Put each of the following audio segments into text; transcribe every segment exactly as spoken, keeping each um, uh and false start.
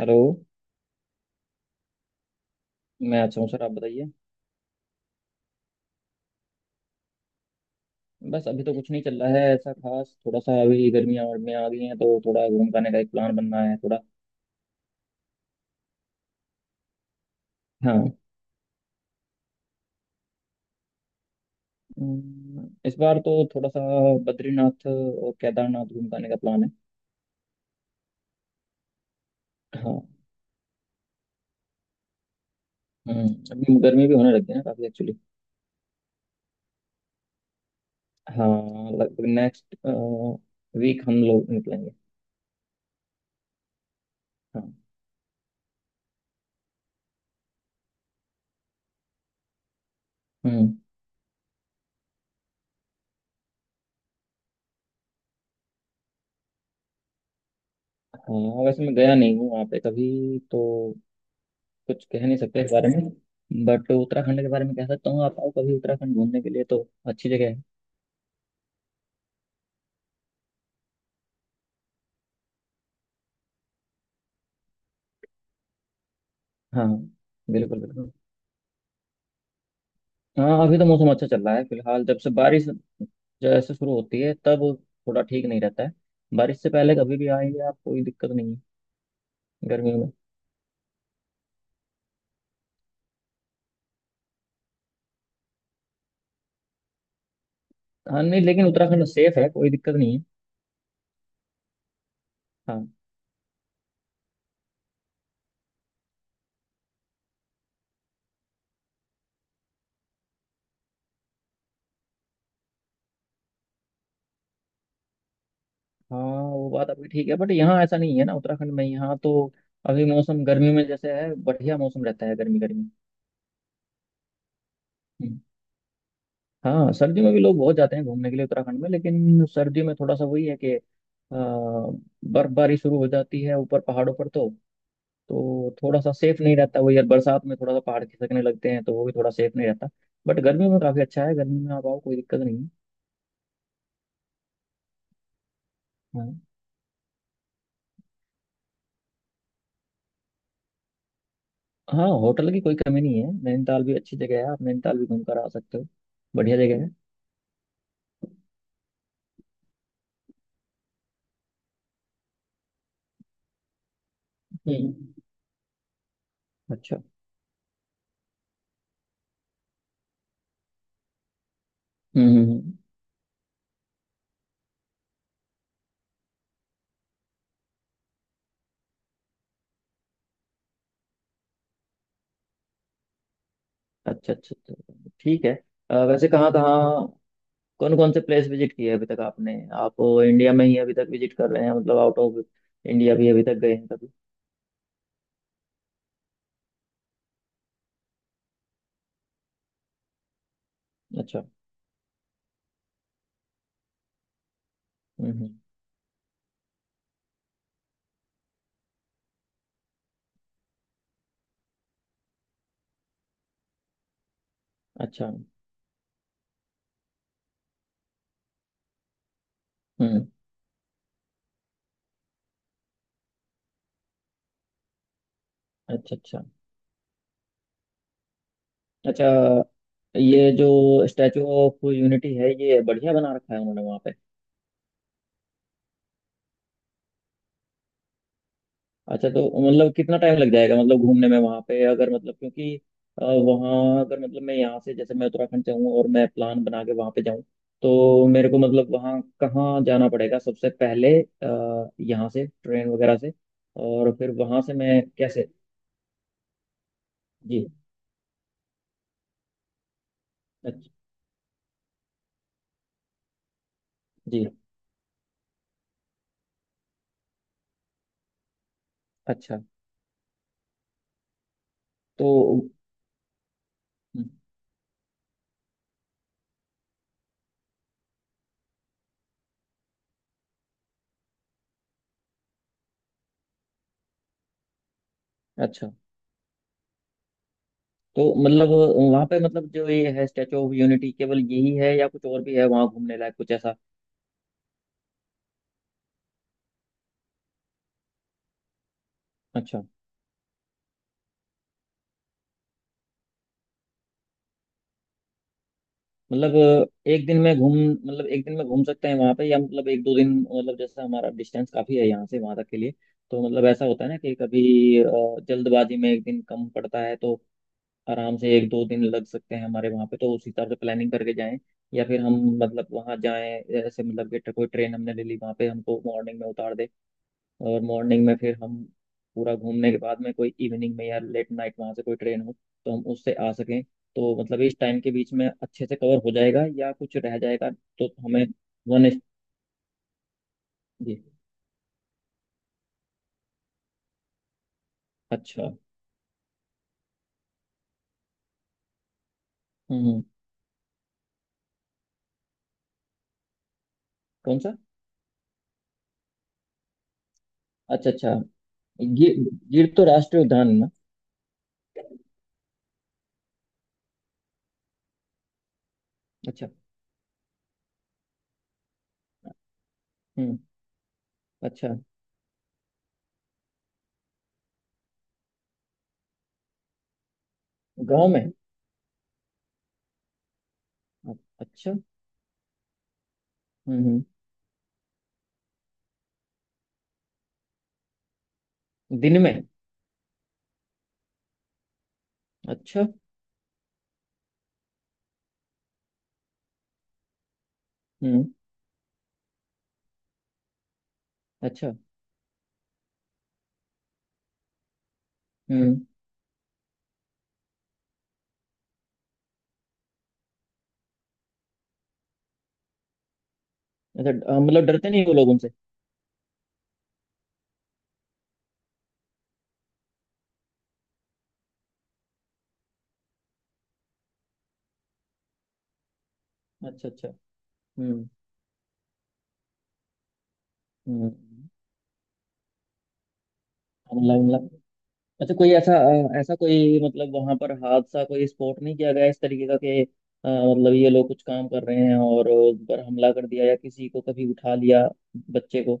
Hello. मैं अच्छा हूँ सर, आप बताइए। बस अभी तो कुछ नहीं चल रहा है ऐसा खास, थोड़ा सा अभी गर्मियाँ और में आ गई हैं तो थोड़ा घूम पाने का एक प्लान बन रहा है थोड़ा। हाँ। अम, इस बार तो थोड़ा सा बद्रीनाथ और केदारनाथ घूम पाने का प्लान है। हाँ। हम्म। अभी गर्मी भी होने लग गई है ना काफ़ी एक्चुअली। हाँ लगभग नेक्स्ट वीक हम लोग निकलेंगे। हाँ। हम्म। हाँ वैसे मैं गया नहीं हूँ वहाँ पे कभी तो कुछ कह नहीं सकते इस बारे में, बट उत्तराखंड के बारे में कह सकता हूँ। आप आओ कभी उत्तराखंड घूमने के लिए तो अच्छी जगह है। हाँ बिल्कुल बिल्कुल। हाँ अभी तो मौसम अच्छा चल रहा है फिलहाल। जब से बारिश जैसे शुरू होती है तब थोड़ा ठीक नहीं रहता है। बारिश से पहले कभी भी आएंगे आप कोई दिक्कत नहीं है। गर्मियों में। हाँ नहीं लेकिन उत्तराखंड सेफ है, कोई दिक्कत नहीं है। हाँ हाँ वो बात आपकी ठीक है, बट यहाँ ऐसा नहीं है ना उत्तराखंड में। यहाँ तो अभी मौसम गर्मी में जैसे है बढ़िया मौसम रहता है, गर्मी गर्मी। हाँ सर्दी में भी लोग बहुत जाते हैं घूमने के लिए उत्तराखंड में, लेकिन सर्दी में थोड़ा सा वही है कि अ, बर्फबारी शुरू हो जाती है ऊपर पहाड़ों पर तो तो थोड़ा सा सेफ नहीं रहता। वही यार, बरसात में थोड़ा सा पहाड़ खिसकने लगते हैं तो वो भी थोड़ा सेफ नहीं रहता। बट गर्मी में काफ़ी अच्छा है, गर्मी में आप आओ कोई दिक्कत नहीं है। हाँ हाँ होटल की कोई कमी नहीं है। नैनीताल भी अच्छी जगह है, आप नैनीताल भी घूम कर आ सकते हो। बढ़िया जगह है। हम्म। अच्छा। हम्म हम्म, हम्म। अच्छा अच्छा अच्छा अच्छा, ठीक है। अ, वैसे कहाँ कहाँ, कौन कौन से प्लेस विजिट किए अभी तक आपने? आप इंडिया में ही अभी तक विजिट कर रहे हैं, मतलब आउट ऑफ इंडिया भी अभी तक गए हैं कभी? अच्छा। हम्म हम्म। अच्छा। हम्म। अच्छा अच्छा। अच्छा ये जो स्टैचू ऑफ यूनिटी है ये बढ़िया बना रखा है उन्होंने वहाँ। अच्छा तो मतलब कितना टाइम लग जाएगा मतलब घूमने में वहां पे? अगर मतलब क्योंकि अ, वहाँ अगर मतलब मैं यहाँ से, जैसे मैं उत्तराखंड से हूँ और मैं प्लान बना के वहां पे जाऊँ तो मेरे को मतलब वहाँ कहाँ जाना पड़ेगा सबसे पहले? अ, यहाँ से ट्रेन वगैरह से और फिर वहां से मैं कैसे? जी। अच्छा। जी। अच्छा। तो हम्म। अच्छा तो मतलब वहाँ पे मतलब जो ये है स्टैचू ऑफ यूनिटी, केवल यही है या कुछ और भी है वहाँ घूमने लायक कुछ ऐसा? अच्छा। मतलब एक दिन में घूम, मतलब एक दिन में घूम सकते हैं वहां पे, या मतलब एक दो दिन, मतलब जैसा हमारा डिस्टेंस काफी है यहाँ से वहां तक के लिए तो मतलब ऐसा होता है ना कि कभी अ, जल्दबाजी में एक दिन कम पड़ता है तो आराम से एक दो दिन लग सकते हैं हमारे वहां पे, तो उस हिसाब से प्लानिंग करके जाएं। या फिर हम मतलब वहां जाएं ऐसे मतलब कि कोई ट्रेन हमने ले ली, वहां पे हमको मॉर्निंग में उतार दे, और मॉर्निंग में फिर हम पूरा घूमने के बाद में कोई इवनिंग में या लेट नाइट वहाँ से कोई ट्रेन हो तो हम उससे आ सकें, तो मतलब इस टाइम के बीच में अच्छे से कवर हो जाएगा या कुछ रह जाएगा? तो हमें वन। जी। अच्छा। हम्म हम्म, कौन सा? अच्छा अच्छा। गिर, गिर तो राष्ट्रीय उद्यान है ना। अच्छा। हम्म। अच्छा। गांव में? अच्छा। हम्म हम्म। दिन में? अच्छा। हम्म। अच्छा। हम्म। अच्छा अ, मतलब डरते नहीं वो लोग उनसे? अच्छा अच्छा। हम्म हम्म। मतलब मतलब अच्छा कोई ऐसा अ, ऐसा कोई मतलब वहां पर हादसा कोई स्पॉट नहीं किया गया इस तरीके का कि अ, मतलब ये लोग कुछ काम कर रहे हैं और उन पर हमला कर दिया या किसी को कभी उठा लिया, बच्चे को?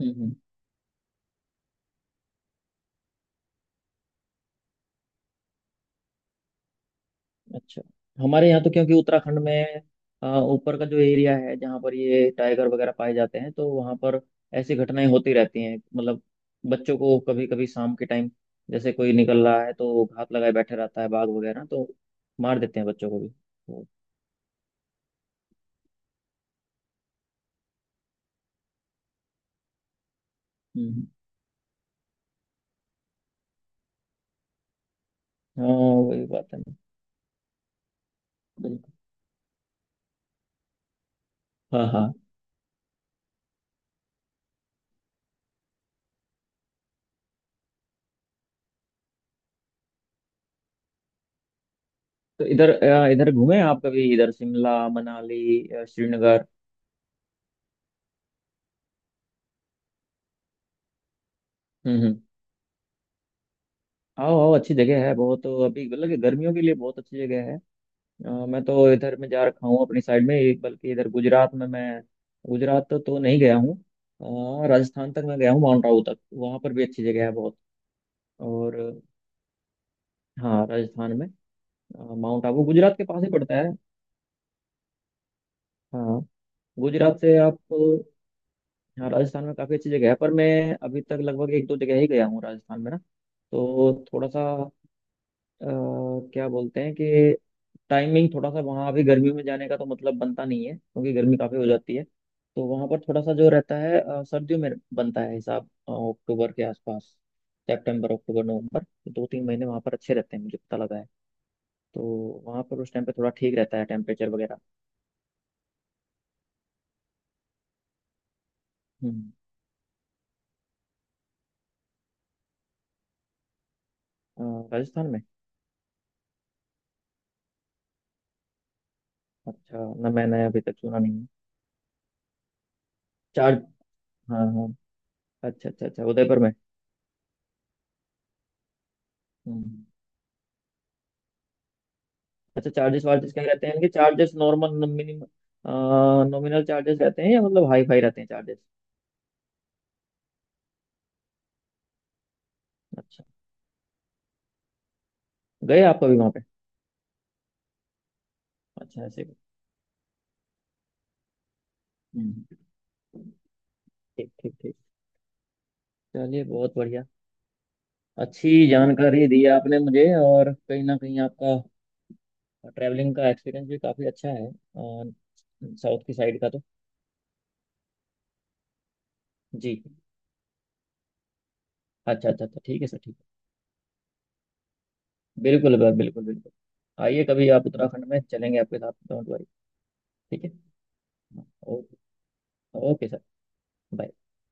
हम्म हम्म। अच्छा। हमारे यहाँ तो क्योंकि उत्तराखंड में अ, ऊपर का जो एरिया है जहाँ पर ये टाइगर वगैरह पाए जाते हैं तो वहाँ पर ऐसी घटनाएं होती रहती हैं मतलब बच्चों को कभी कभी शाम के टाइम जैसे कोई निकल रहा है तो घात लगाए बैठे रहता है बाघ वगैरह तो मार देते हैं बच्चों को भी तो। हम्म। हाँ। वही बात है ना। बिल्कुल। हाँ हाँ तो इधर अ, इधर घूमे आप कभी? इधर शिमला मनाली, अ, श्रीनगर? हम्म हम्म। आओ आओ, अच्छी जगह है बहुत तो अभी मतलब कि गर्मियों के लिए बहुत अच्छी जगह है। अ, मैं तो इधर में जा रखा हूँ अपनी साइड में एक, बल्कि इधर गुजरात में मैं गुजरात तो, तो नहीं गया हूँ। अ, राजस्थान तक मैं गया हूँ माउंट आबू तक, वहाँ पर भी अच्छी जगह है बहुत। और हाँ राजस्थान में अ, माउंट आबू गुजरात के पास ही पड़ता है। हाँ गुजरात से आप, हाँ राजस्थान में काफ़ी अच्छी जगह है, पर मैं अभी तक लगभग एक दो जगह ही गया हूँ राजस्थान में ना। तो थोड़ा सा अ, क्या बोलते हैं कि टाइमिंग थोड़ा सा वहाँ अभी गर्मी में जाने का तो मतलब बनता नहीं है क्योंकि गर्मी काफ़ी हो जाती है, तो वहाँ पर थोड़ा सा जो रहता है अ, सर्दियों में बनता है हिसाब, अ, अक्टूबर के आसपास, सितंबर अक्टूबर नवंबर तो दो तीन महीने वहाँ पर अच्छे रहते हैं मुझे पता लगा है। तो वहाँ पर उस टाइम पे थोड़ा ठीक रहता है टेम्परेचर वगैरह। हम्म। अ, राजस्थान में? अच्छा। ना मैंने अभी तक सुना नहीं है। चार। हाँ हाँ। अच्छा अच्छा अच्छा, उदयपुर में। हम्म। अच्छा चार्जेस वार्जेस क्या रहते हैं इनके? Charges normal minimum nominal charges रहते हैं या मतलब हाई फाई रहते हैं चार्जेस? अच्छा गए आप कभी वहाँ पे? अच्छा ऐसे। हम्म। ठीक ठीक ठीक, चलिए बहुत बढ़िया। अच्छी जानकारी दी आपने मुझे, और कहीं ना कहीं आपका ट्रैवलिंग का एक्सपीरियंस भी काफ़ी अच्छा है साउथ की साइड का तो। जी। अच्छा अच्छा अच्छा ठीक है सर, ठीक है बिल्कुल बिल्कुल बिल्कुल बिल्कुल। आइए कभी आप उत्तराखंड में, चलेंगे आपके साथ, डोंट वरी। ठीक है। ओके। Okay sir, bye.